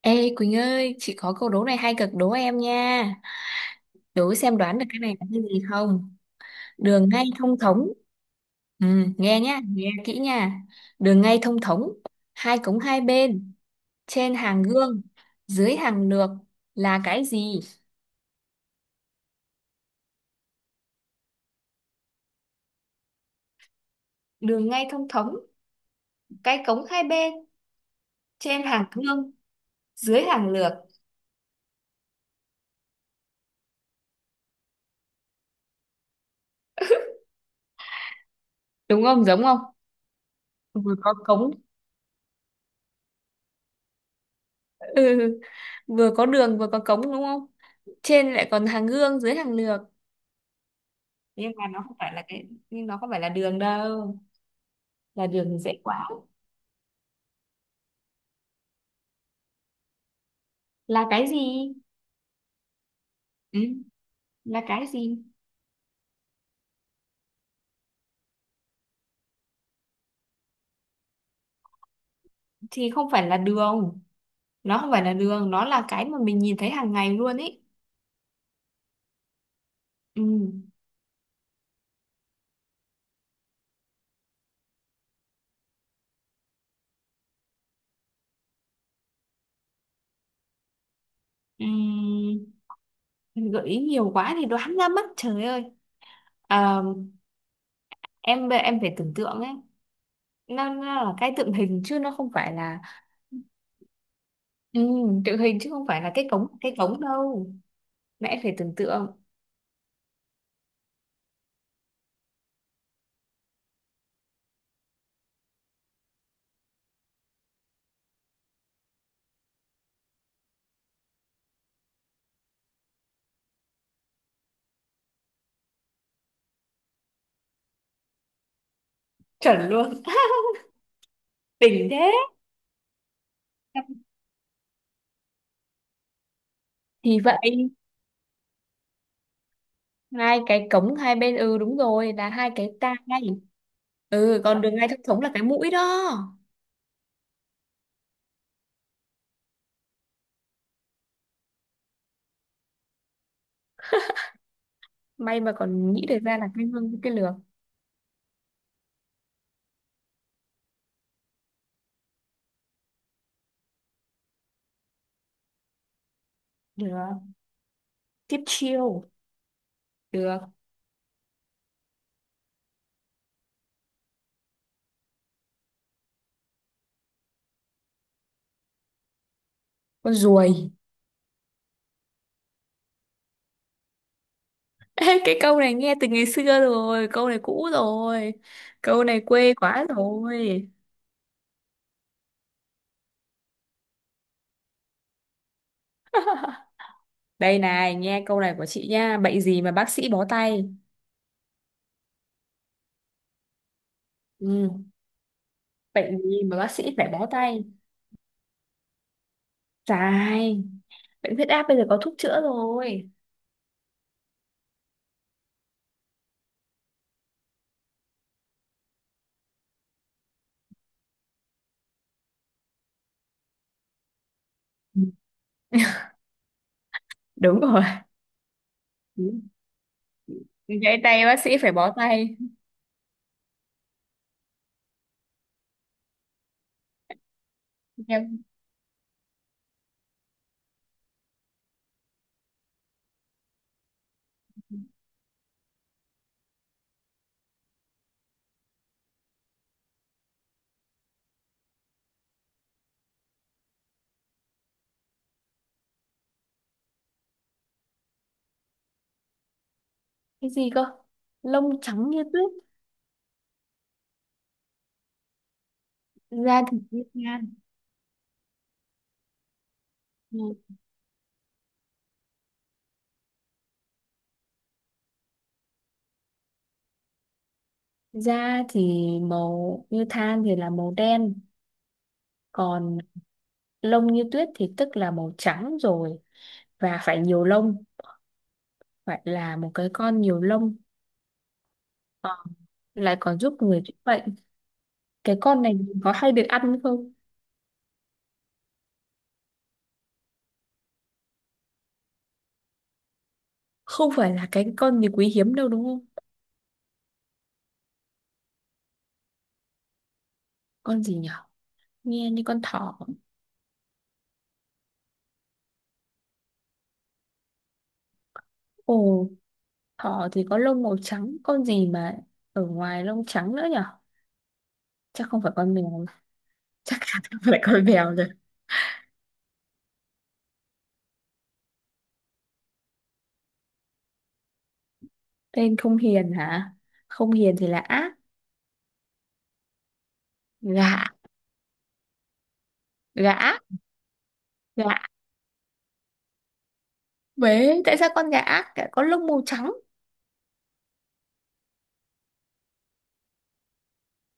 Ê Quỳnh ơi, chị có câu đố này hay cực đố em nha. Đố xem đoán được cái này là cái gì không? Đường ngay thông thống. Ừ, nghe nhá, nghe kỹ nha. Đường ngay thông thống, hai cống hai bên, trên hàng gương, dưới hàng lược là cái gì? Đường ngay thông thống, cái cống hai bên, trên hàng gương, dưới hàng lược. Đúng không? Giống không? Vừa có cống, ừ, vừa có đường vừa có cống đúng không? Trên lại còn hàng gương, dưới hàng lược. Nhưng mà nó không phải là cái nhưng nó không phải là đường đâu Là đường thì dễ quá. Là cái gì? Ừ, là cái gì? Thì không phải là đường. Nó không phải là đường, nó là cái mà mình nhìn thấy hàng ngày luôn ấy. Ừ. Ừ. Gợi ý nhiều quá thì đoán ra mất, trời ơi. Ờ, em phải tưởng tượng ấy. Nó là cái tượng hình chứ nó không phải là ừ, tượng hình chứ không phải là cái cống đâu. Mẹ phải tưởng tượng. Chuẩn luôn. Đỉnh thế. Thì vậy. Hai cái cống hai bên, ừ đúng rồi, là hai cái tai. Ừ, còn đường ngay thông thống là cái mũi đó. May mà còn nghĩ được ra là cái hương cái lược. Được, tiếp chiêu. Được. Con ruồi. Ê, cái câu này nghe từ ngày xưa rồi, câu này cũ rồi, câu này quê quá rồi. Đây này, nghe câu này của chị nha. Bệnh gì mà bác sĩ bó tay? Ừ. Bệnh gì mà bác sĩ phải bó tay? Dài. Bệnh huyết áp bây giờ có thuốc chữa rồi. Ừ, đúng rồi. Ừ. Gãy tay bác sĩ phải bó tay. Em. Cái gì cơ? Lông trắng như tuyết. Da thì như than. Ừ. Da thì màu như than thì là màu đen. Còn lông như tuyết thì tức là màu trắng rồi, và phải nhiều lông, phải là một cái con nhiều lông. Ờ, lại còn giúp người chữa bệnh. Cái con này có hay được ăn không? Không phải là cái con gì quý hiếm đâu đúng không? Con gì nhở? Nghe như con thỏ. Ồ. Thỏ thì có lông màu trắng, con gì mà ở ngoài lông trắng nữa nhở? Chắc không phải con mèo, chắc chắn không phải con mèo rồi. Tên không hiền hả? Không hiền thì là ác. Gã, gã, gã. Bế, tại sao con gã ác lại có lông màu trắng?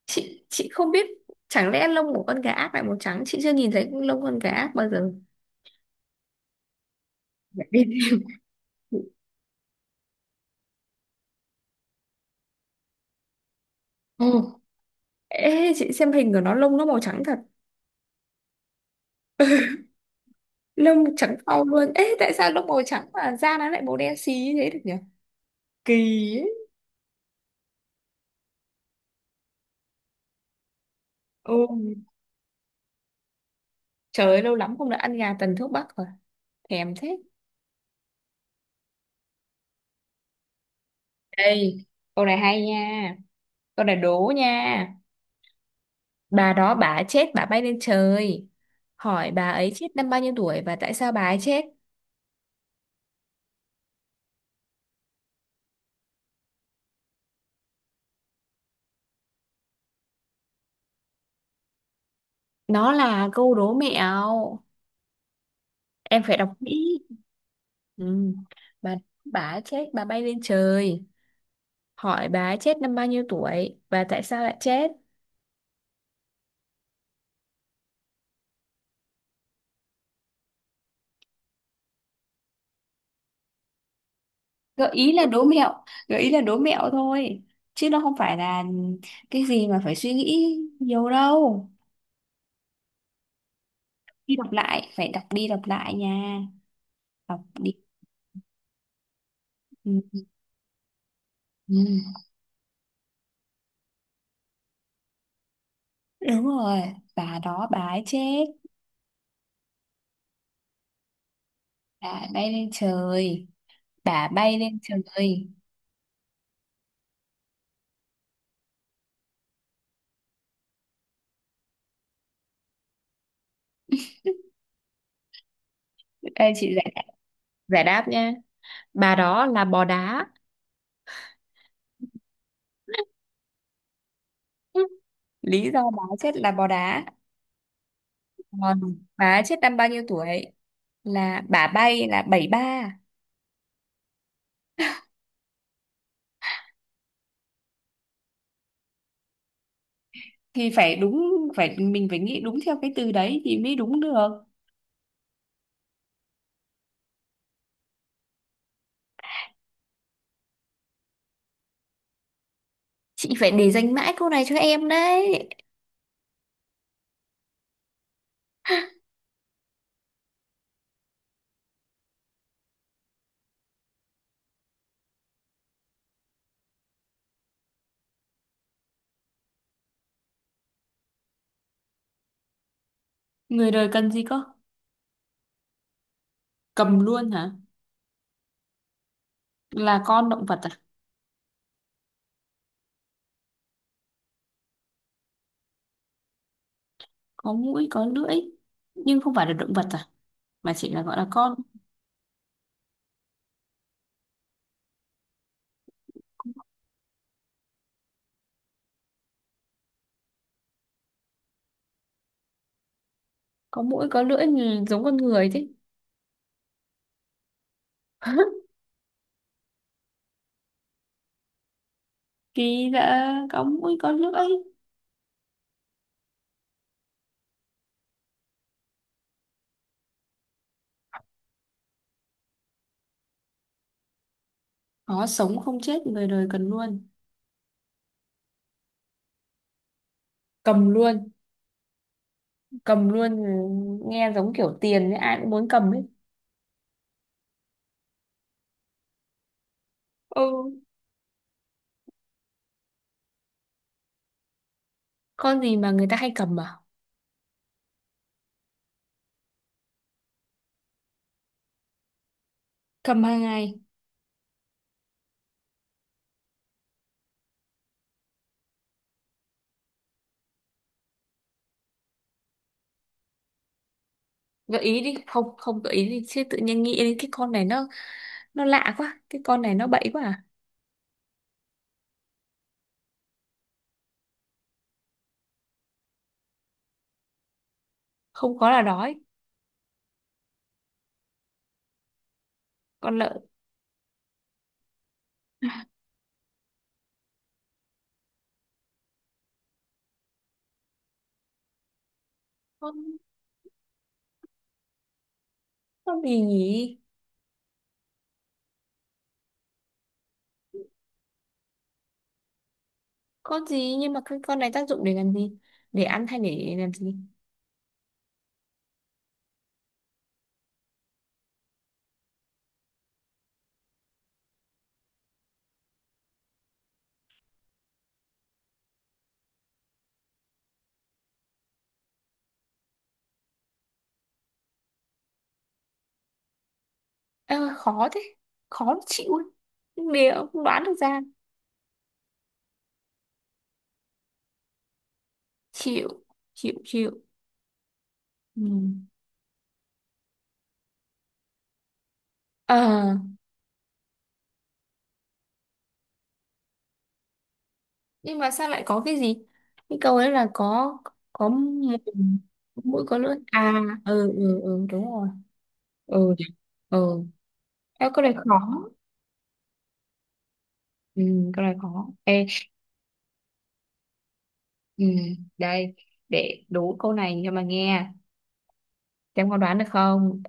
Chị không biết, chẳng lẽ lông của con gã ác lại màu trắng? Chị chưa nhìn thấy lông con gã ác bao giờ. Ồ, ê, chị xem hình của nó lông nó màu trắng thật. Lông trắng au luôn. Ê, tại sao lông màu trắng mà da nó lại màu đen xí như thế được nhỉ? Kỳ ấy. Ừ. Trời ơi, lâu lắm không được ăn gà tần thuốc bắc rồi. Thèm thế. Đây, câu này hay nha. Câu này đố nha. Bà đó bà chết bà bay lên trời. Hỏi bà ấy chết năm bao nhiêu tuổi và tại sao bà ấy chết? Nó là câu đố mẹo. Em phải đọc kỹ. Ừ. Bà bà ấy chết bà bay lên trời. Hỏi bà ấy chết năm bao nhiêu tuổi và tại sao lại chết? Gợi ý là đố mẹo, gợi ý là đố mẹo thôi. Chứ nó không phải là cái gì mà phải suy nghĩ nhiều đâu. Khi đọc lại phải đọc đi đọc lại nha, đọc đi. Ừ. Ừ. Đúng rồi. Bà đó bà ấy chết, bà bay lên trời, bà bay lên trời. Đây chị giải đáp nha. Bà đó là bò đá. Ừ. Lý do bà ấy chết là bò đá. Còn bà ấy chết năm bao nhiêu tuổi là bà bay là 73. Thì phải đúng, phải mình phải nghĩ đúng theo cái từ đấy thì mới đúng được. Chị phải để dành mãi câu này cho em đấy. Người đời cần gì cơ? Cầm luôn hả? Là con động vật à? Có mũi, có lưỡi. Nhưng không phải là động vật à? Mà chỉ là gọi là con. Có mũi, có lưỡi thì giống con người thế. Kỳ lạ, có mũi, có lưỡi. Có sống không chết, người đời cần luôn. Cầm luôn. Cầm luôn ừ, nghe giống kiểu tiền ấy, ai cũng muốn cầm ấy. Ừ. Con gì mà người ta hay cầm à? Cầm hàng ngày. Gợi ý đi. Không, không gợi ý đi. Chứ tự nhiên nghĩ đến cái con này nó lạ quá. Cái con này nó bậy quá à? Không có là đói. Con lợn. Con gì nhỉ? Con gì nhưng mà cái con này tác dụng để làm gì, để ăn hay để làm gì? Ơ, khó thế, khó chịu ấy. Liệu không đoán được ra. Chịu, chịu, chịu. Ừ. Ờ, nhưng mà sao lại có cái gì, cái câu ấy là có mũi. Mũi có lưỡi à? Ừ, ừ, ừ, đúng rồi. Ừ. Ừ. Ê, câu này khó. Ừ, câu này khó. Ê, ừ, đây, để đố câu này cho mà nghe. Em có đoán được không?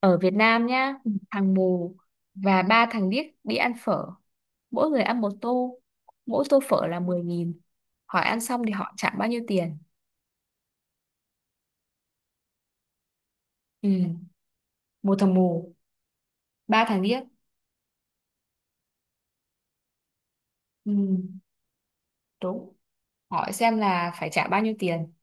Ở Việt Nam nhá, thằng mù và ba thằng điếc đi ăn phở. Mỗi người ăn một tô. Mỗi tô phở là 10.000. Hỏi ăn xong thì họ trả bao nhiêu tiền? Ừ. Một thằng mù, ba thằng điếc. Ừ. Đúng. Hỏi xem là phải trả bao nhiêu tiền?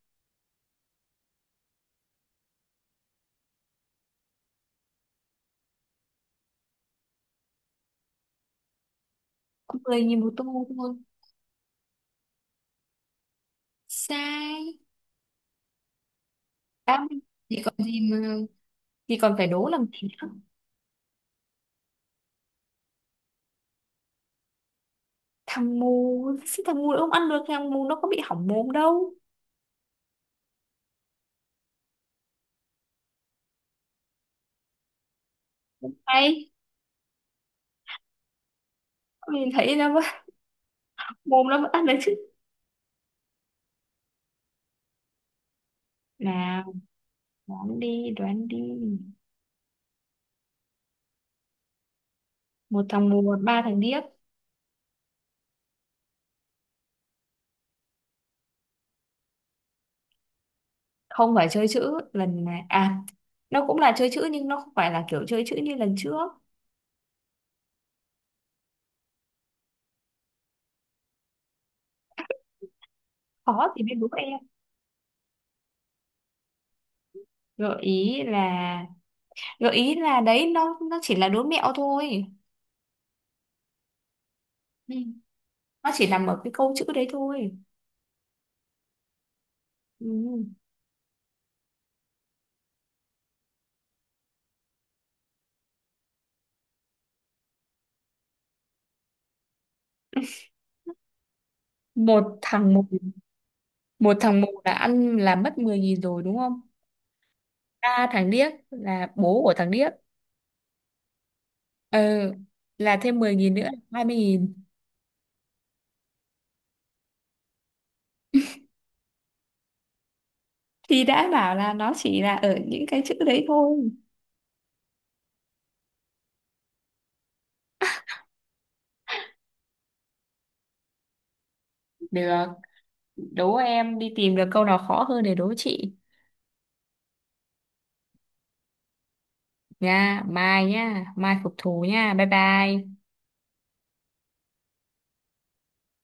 Mười nghìn một tô thôi. Sai. Đáp thì còn gì mà, thì còn phải đố làm gì nữa. Thằng mù, thằng mù nó không ăn được. Thằng mù nó có bị hỏng mồm đâu. Hay nhìn thấy nó vẫn- mồm nó vẫn ăn được chứ. Nào, đoán đi, đoán đi. Một thằng mù, ba thằng điếc. Không phải chơi chữ lần này. À, nó cũng là chơi chữ nhưng nó không phải là kiểu chơi chữ như lần trước. Khó thì mới đố em. Gợi ý là... Gợi ý là đấy, nó chỉ là đố mẹo thôi. Ừ. Nó chỉ nằm ở cái câu chữ đấy thôi. Ừ. Một thằng mù. Một thằng mù là ăn là mất 10.000 rồi đúng không? Ba thằng điếc là bố của thằng điếc. Ừ, là thêm 10.000 nữa, 20.000. Thì đã bảo là nó chỉ là ở những cái chữ đấy thôi. Được, đố em đi tìm được câu nào khó hơn để đố chị. Nha mai, nha mai phục thù nha, bye bye.